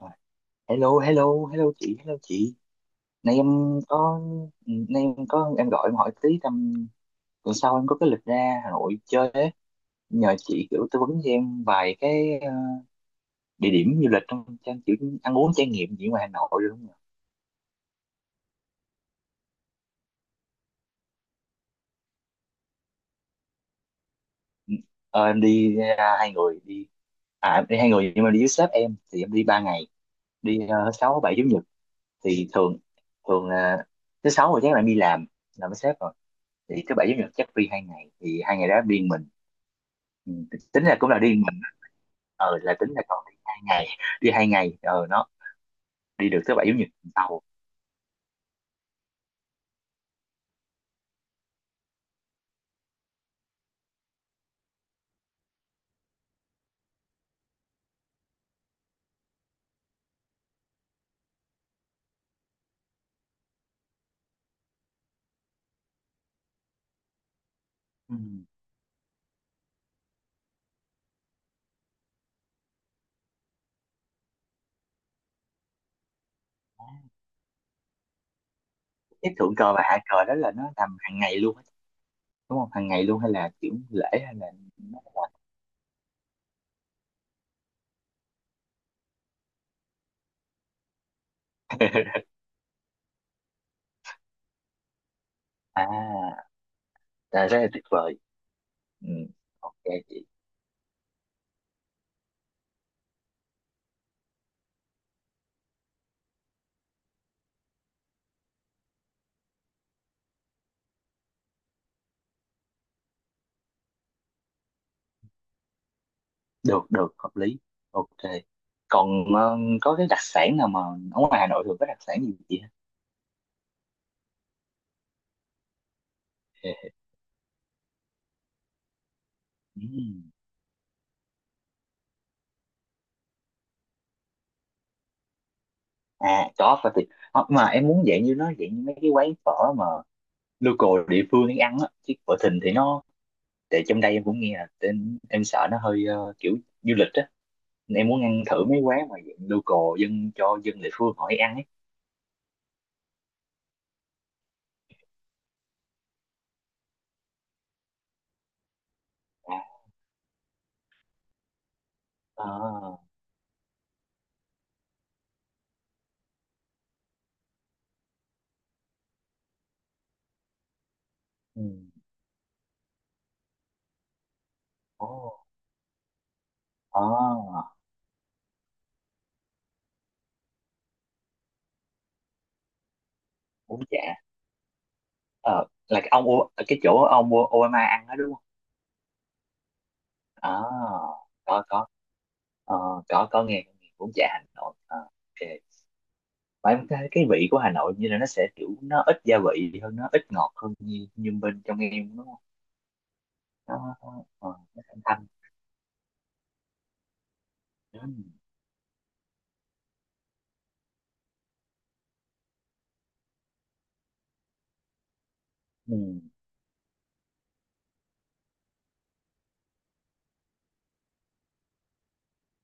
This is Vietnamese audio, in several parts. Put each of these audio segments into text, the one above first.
Rồi. Hello, hello, hello chị, hello chị. Nay em có, nay em có, em gọi em hỏi tí tầm tuần sau em có cái lịch ra Hà Nội chơi ấy. Nhờ chị kiểu tư vấn cho em vài cái địa điểm du lịch trong trang kiểu ăn uống trải nghiệm gì ngoài Hà Nội được không nhỉ? Ờ, em đi ra 2 người đi, à em đi 2 người nhưng mà đi với sếp em thì em đi 3 ngày, đi sáu bảy chủ nhật thì thường thường là thứ sáu rồi chắc là em đi làm với sếp rồi thì thứ bảy chủ nhật chắc đi 2 ngày thì 2 ngày đó em đi một mình. Ừ, tính ra cũng là đi mình. Là tính là còn đi 2 ngày, đi hai ngày nó đi được tới bảy chủ nhật tuần sau. Ừ. Cái thượng cờ và hạ cờ đó là nó làm hàng ngày luôn á, đúng không, hàng ngày luôn hay là kiểu lễ hay là à là rất là tuyệt vời. Ừ. Ok chị, được được hợp lý, ok. Còn có cái đặc sản nào mà ở ngoài Hà Nội thường có đặc sản gì chị ha? Ừ. À có phải thì mà em muốn dạng như nó dạng như mấy cái quán phở mà local địa phương đi ăn á, chứ phở Thìn thì nó tại trong đây em cũng nghe là em sợ nó hơi kiểu du lịch á. Nên em muốn ăn thử mấy quán mà dạng local dân cho dân địa phương họ đi ăn ấy. À, à, ừ, ồ, à, bún chả ờ là cái ông cái chỗ ông Obama ăn đó đúng không? À, có có. Ờ, có nghe bún chả Hà Nội. Ờ, ok. Mà em cái vị của Hà Nội như là nó sẽ kiểu nó ít gia vị hơn nó ít ngọt hơn như như bên trong em đúng không? Ờ, ờ, ờ, nó thanh thanh. Ừ. Ừ.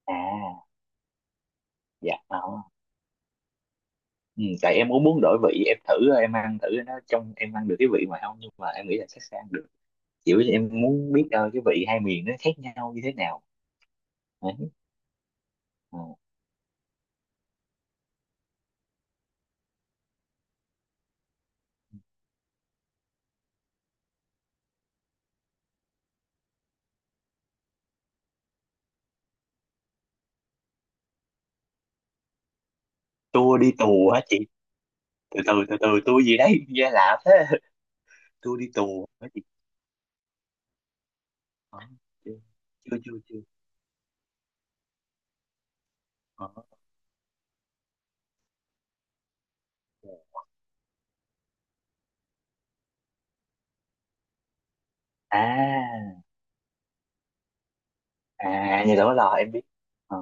À, dạ. Ờ. Ừ. Tại em cũng muốn đổi vị em thử, em ăn thử nó trong em ăn được cái vị ngoài không, nhưng mà em nghĩ là chắc sẽ ăn được. Chỉ là em muốn biết cái vị hai miền nó khác nhau như thế nào đấy. Ờ. Tua đi tù hả chị? Từ từ, tua gì đấy nghe lạ thế. Tua đi tù hả chị? Ờ, chưa chưa chưa chưa. Ờ. Ok. À, à nhà đó là em biết. Ờ,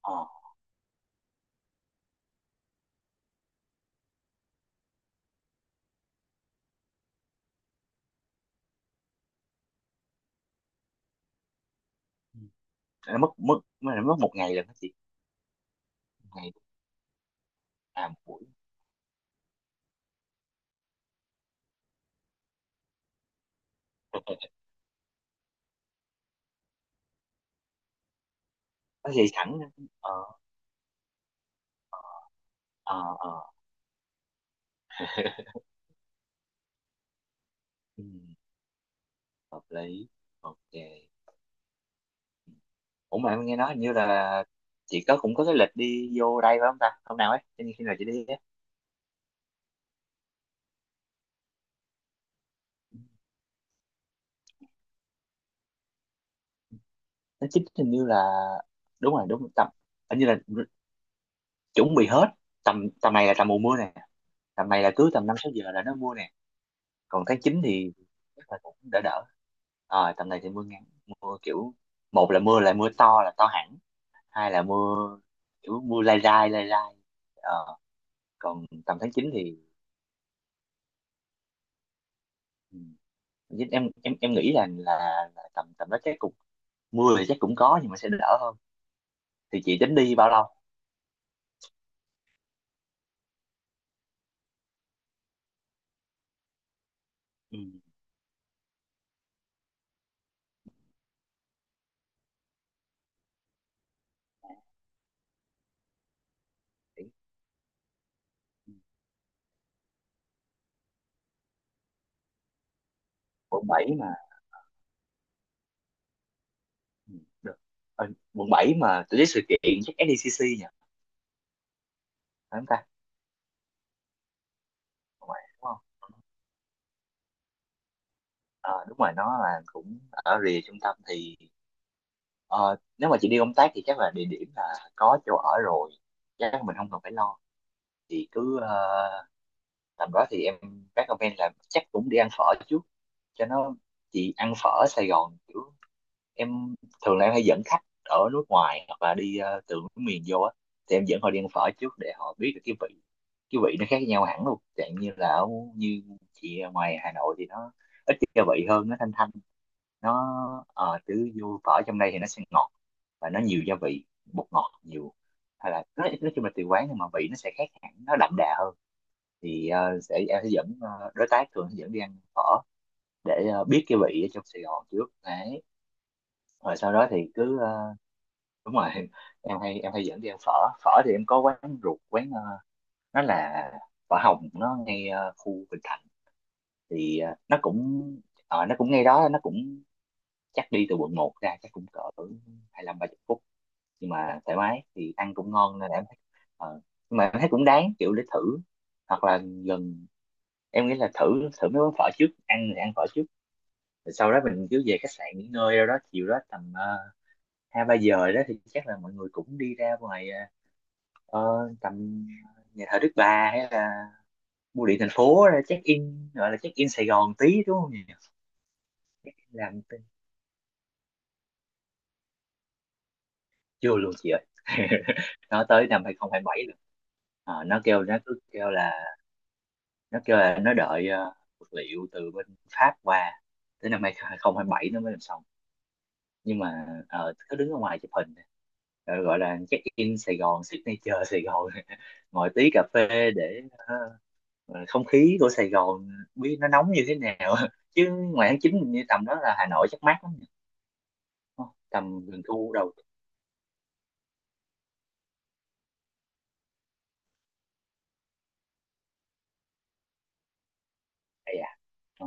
ờ. Ừ, nó mất mất nó mất 1 ngày rồi đó chị, 1 ngày, à một buổi. Nó dậy sẵn đó. Ờ ờ. Ờ. Ừ, hợp lý, ok. Ủa mà em nghe nói hình như là chị có cũng có cái lịch đi vô đây phải không ta, hôm nào ấy, cho nên khi nào chị đi ấy? Nó chính hình như là đúng rồi, tầm hình như là chuẩn bị hết tầm tầm này là tầm mùa mưa nè. Tầm này là cứ tầm 5 6 giờ là nó mưa nè, còn tháng 9 thì chắc là cũng đỡ đỡ. Ờ, tầm này thì mưa ngắn, mưa kiểu một là mưa to là to hẳn, hai là mưa kiểu mưa lai dai lai dai. Còn tầm tháng 9 thì ừ, em nghĩ là tầm tầm đó chắc cũng mưa thì chắc cũng có nhưng mà sẽ đỡ hơn. Thì chị tính đi bao lâu? Ừ. Quận 7 mà. Ừ, được. Ờ, quận 7 mà tổ chức sự kiện chắc SDCC nhỉ, phải không ta, quận 7 đúng không? Ờ, đúng rồi, nó là cũng ở rìa trung tâm thì ờ, nếu mà chị đi công tác thì chắc là địa điểm là có chỗ ở rồi, chắc là mình không cần phải lo. Chị cứ tầm đó thì em recommend là chắc cũng đi ăn phở trước cho nó chị ăn phở ở Sài Gòn kiểu em thường là em hay dẫn khách ở nước ngoài hoặc là đi từ nước miền vô á, thì em dẫn họ đi ăn phở trước để họ biết được cái vị, cái vị nó khác nhau hẳn luôn chẳng như là ở như chị ở ngoài Hà Nội thì nó ít gia vị hơn nó thanh thanh nó ờ, chứ vô phở trong đây thì nó sẽ ngọt và nó nhiều gia vị bột ngọt nhiều hay là nói chung là tùy quán nhưng mà vị nó sẽ khác hẳn nó đậm đà hơn. Thì sẽ em sẽ dẫn đối tác thường sẽ dẫn đi ăn phở để biết cái vị ở trong Sài Gòn trước đấy, rồi sau đó thì cứ ờ, đúng rồi. Em hay em hay dẫn đi ăn phở. Phở thì em có quán ruột, quán nó là phở Hồng, nó ngay khu Bình Thạnh. Thì nó cũng nó cũng ngay đó, nó cũng chắc đi từ quận một ra chắc cũng cỡ 25 30 phút, nhưng mà thoải mái thì ăn cũng ngon nên là em thấy ờ, nhưng mà em thấy cũng đáng kiểu để thử. Hoặc là gần, em nghĩ là thử thử mấy món phở trước ăn thì ăn phở trước, rồi sau đó mình cứ về khách sạn nghỉ ngơi đâu đó, chiều đó tầm hai ba giờ đó thì chắc là mọi người cũng đi ra ngoài ờ, tầm nhà thờ Đức Bà hay là bưu điện thành phố ra check in, gọi là check in Sài Gòn tí đúng không nhỉ? làm t- Chưa luôn chị ơi. Nó tới 2027 rồi. Ờ, nó kêu nó cứ kêu là nó đợi vật liệu từ bên Pháp qua, tới 2027 nó mới làm xong. Nhưng mà ờ, cứ đứng ở ngoài chụp hình. Ờ, gọi là check in Sài Gòn, signature Sài Gòn. Ngồi tí cà phê để ờ, không khí của Sài Gòn biết nó nóng như thế nào. Chứ ngoài tháng chín mình như tầm đó là Hà Nội chắc mát lắm nhỉ? Ờ, tầm gần thu đầu. Vậy à. Ờ.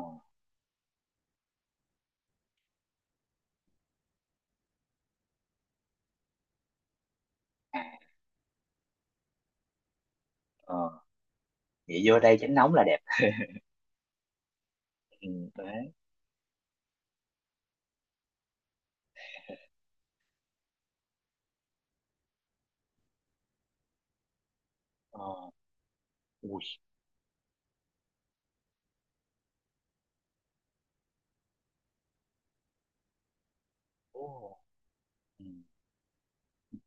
À. Ờ. Vậy vô đây tránh nóng là đẹp. Ừ, đấy. Ờ. Ui. Ồ. Ừ.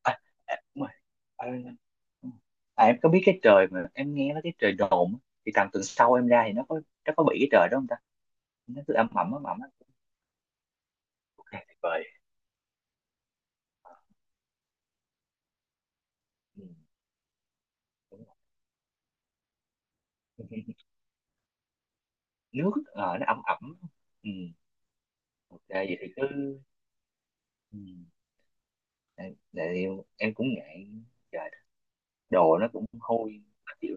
À, à, đúng rồi. À, à, em có biết cái trời mà em nghe nó cái trời đồn á, thì tầm tuần sau em ra thì nó có bị cái trời đó không ta, nó cứ âm ầm âm ẩm á. Ok, tuyệt vời. Ừ, đúng rồi. Nước nó âm ẩm. Ừ, ok vậy thì cứ. Ừ. Tại tại vì em cũng ngại. Trời đất, đồ nó cũng hôi khó chịu.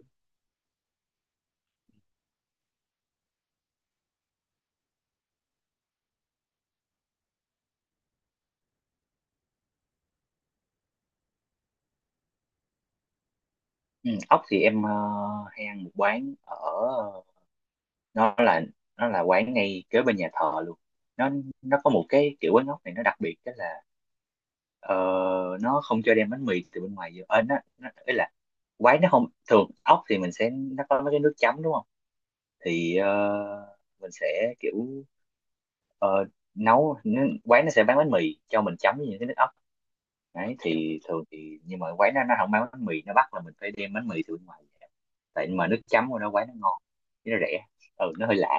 Ừ, ốc thì em hay ăn một quán ở nó là, nó là quán ngay kế bên nhà thờ luôn. nó nó có một cái kiểu quán ốc này nó đặc biệt đó là ờ, nó không cho đem bánh mì từ bên ngoài vô. Ờ, nó ý là quán nó không thường ốc thì mình sẽ nó có mấy cái nước chấm đúng không, thì mình sẽ kiểu ờ, nấu quán nó sẽ bán bánh mì cho mình chấm với những cái nước ốc đấy. Thì thường thì nhưng mà quán nó không bán bánh mì, nó bắt là mình phải đem bánh mì từ bên ngoài về. Tại mà nước chấm của nó quán nó ngon chứ nó rẻ. Ừ, nó hơi lạ.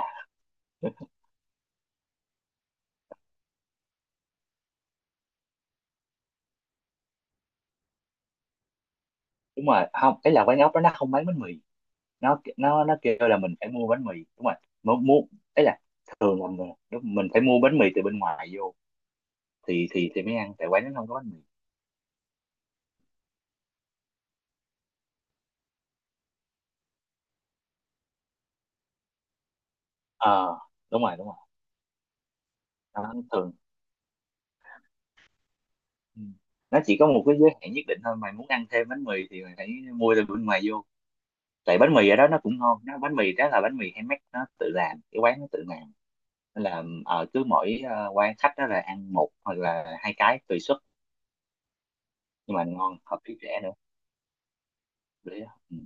Đúng rồi, không cái là quán ốc đó nó không bán bánh mì, nó kêu là mình phải mua bánh mì. Đúng rồi, mua, mua ấy. Là thường là mình, lúc mình phải mua bánh mì từ bên ngoài vô thì thì mới ăn, tại quán nó không có bánh mì. Ờ, đúng rồi đúng rồi. Nó thường ừ, nó chỉ có một cái giới hạn nhất định thôi, mày muốn ăn thêm bánh mì thì mày phải mua từ bên ngoài vô. Tại bánh mì ở đó nó cũng ngon, nó bánh mì đó là bánh mì handmade nó tự làm, cái quán nó tự làm. Nên là ở cứ mỗi quan khách đó là ăn một hoặc là hai cái tùy suất. Nhưng mà ngon hợp với trẻ nữa. Để, ừ,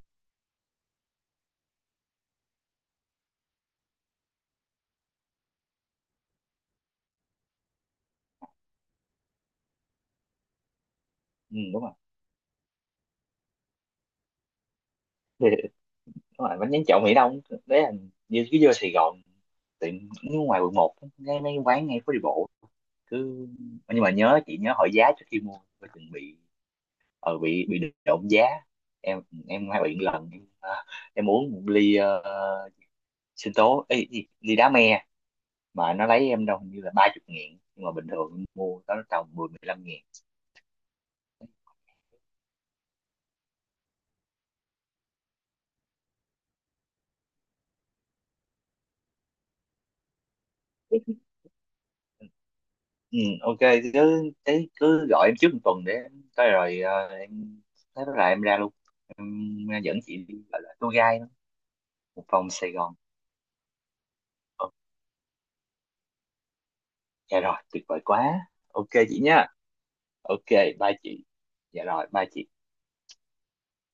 ừ, đúng rồi đúng rồi, bánh tráng trộn Mỹ Đông. Đấy là như cứ vô Sài Gòn, tiệm, nếu ngoài quận một ngay mấy quán ngay phố đi bộ cứ, nhưng mà nhớ chị nhớ hỏi giá trước khi mua coi chừng bị bị trộm giá. em em hay bị một lần em, à, em uống một ly sinh tố ê, ly đá me, mà nó lấy em đâu hình như là 30.000 nhưng mà bình thường em mua đó tầm 10 15 ngàn. Ừ, ok, cứ thế cứ gọi em trước 1 tuần để em tới rồi em, thế là em ra luôn, em dẫn chị đi gọi là tour guide một vòng Sài Gòn. Ờ, dạ rồi tuyệt vời quá. Ok chị nha. Ok bye chị. Dạ rồi bye chị.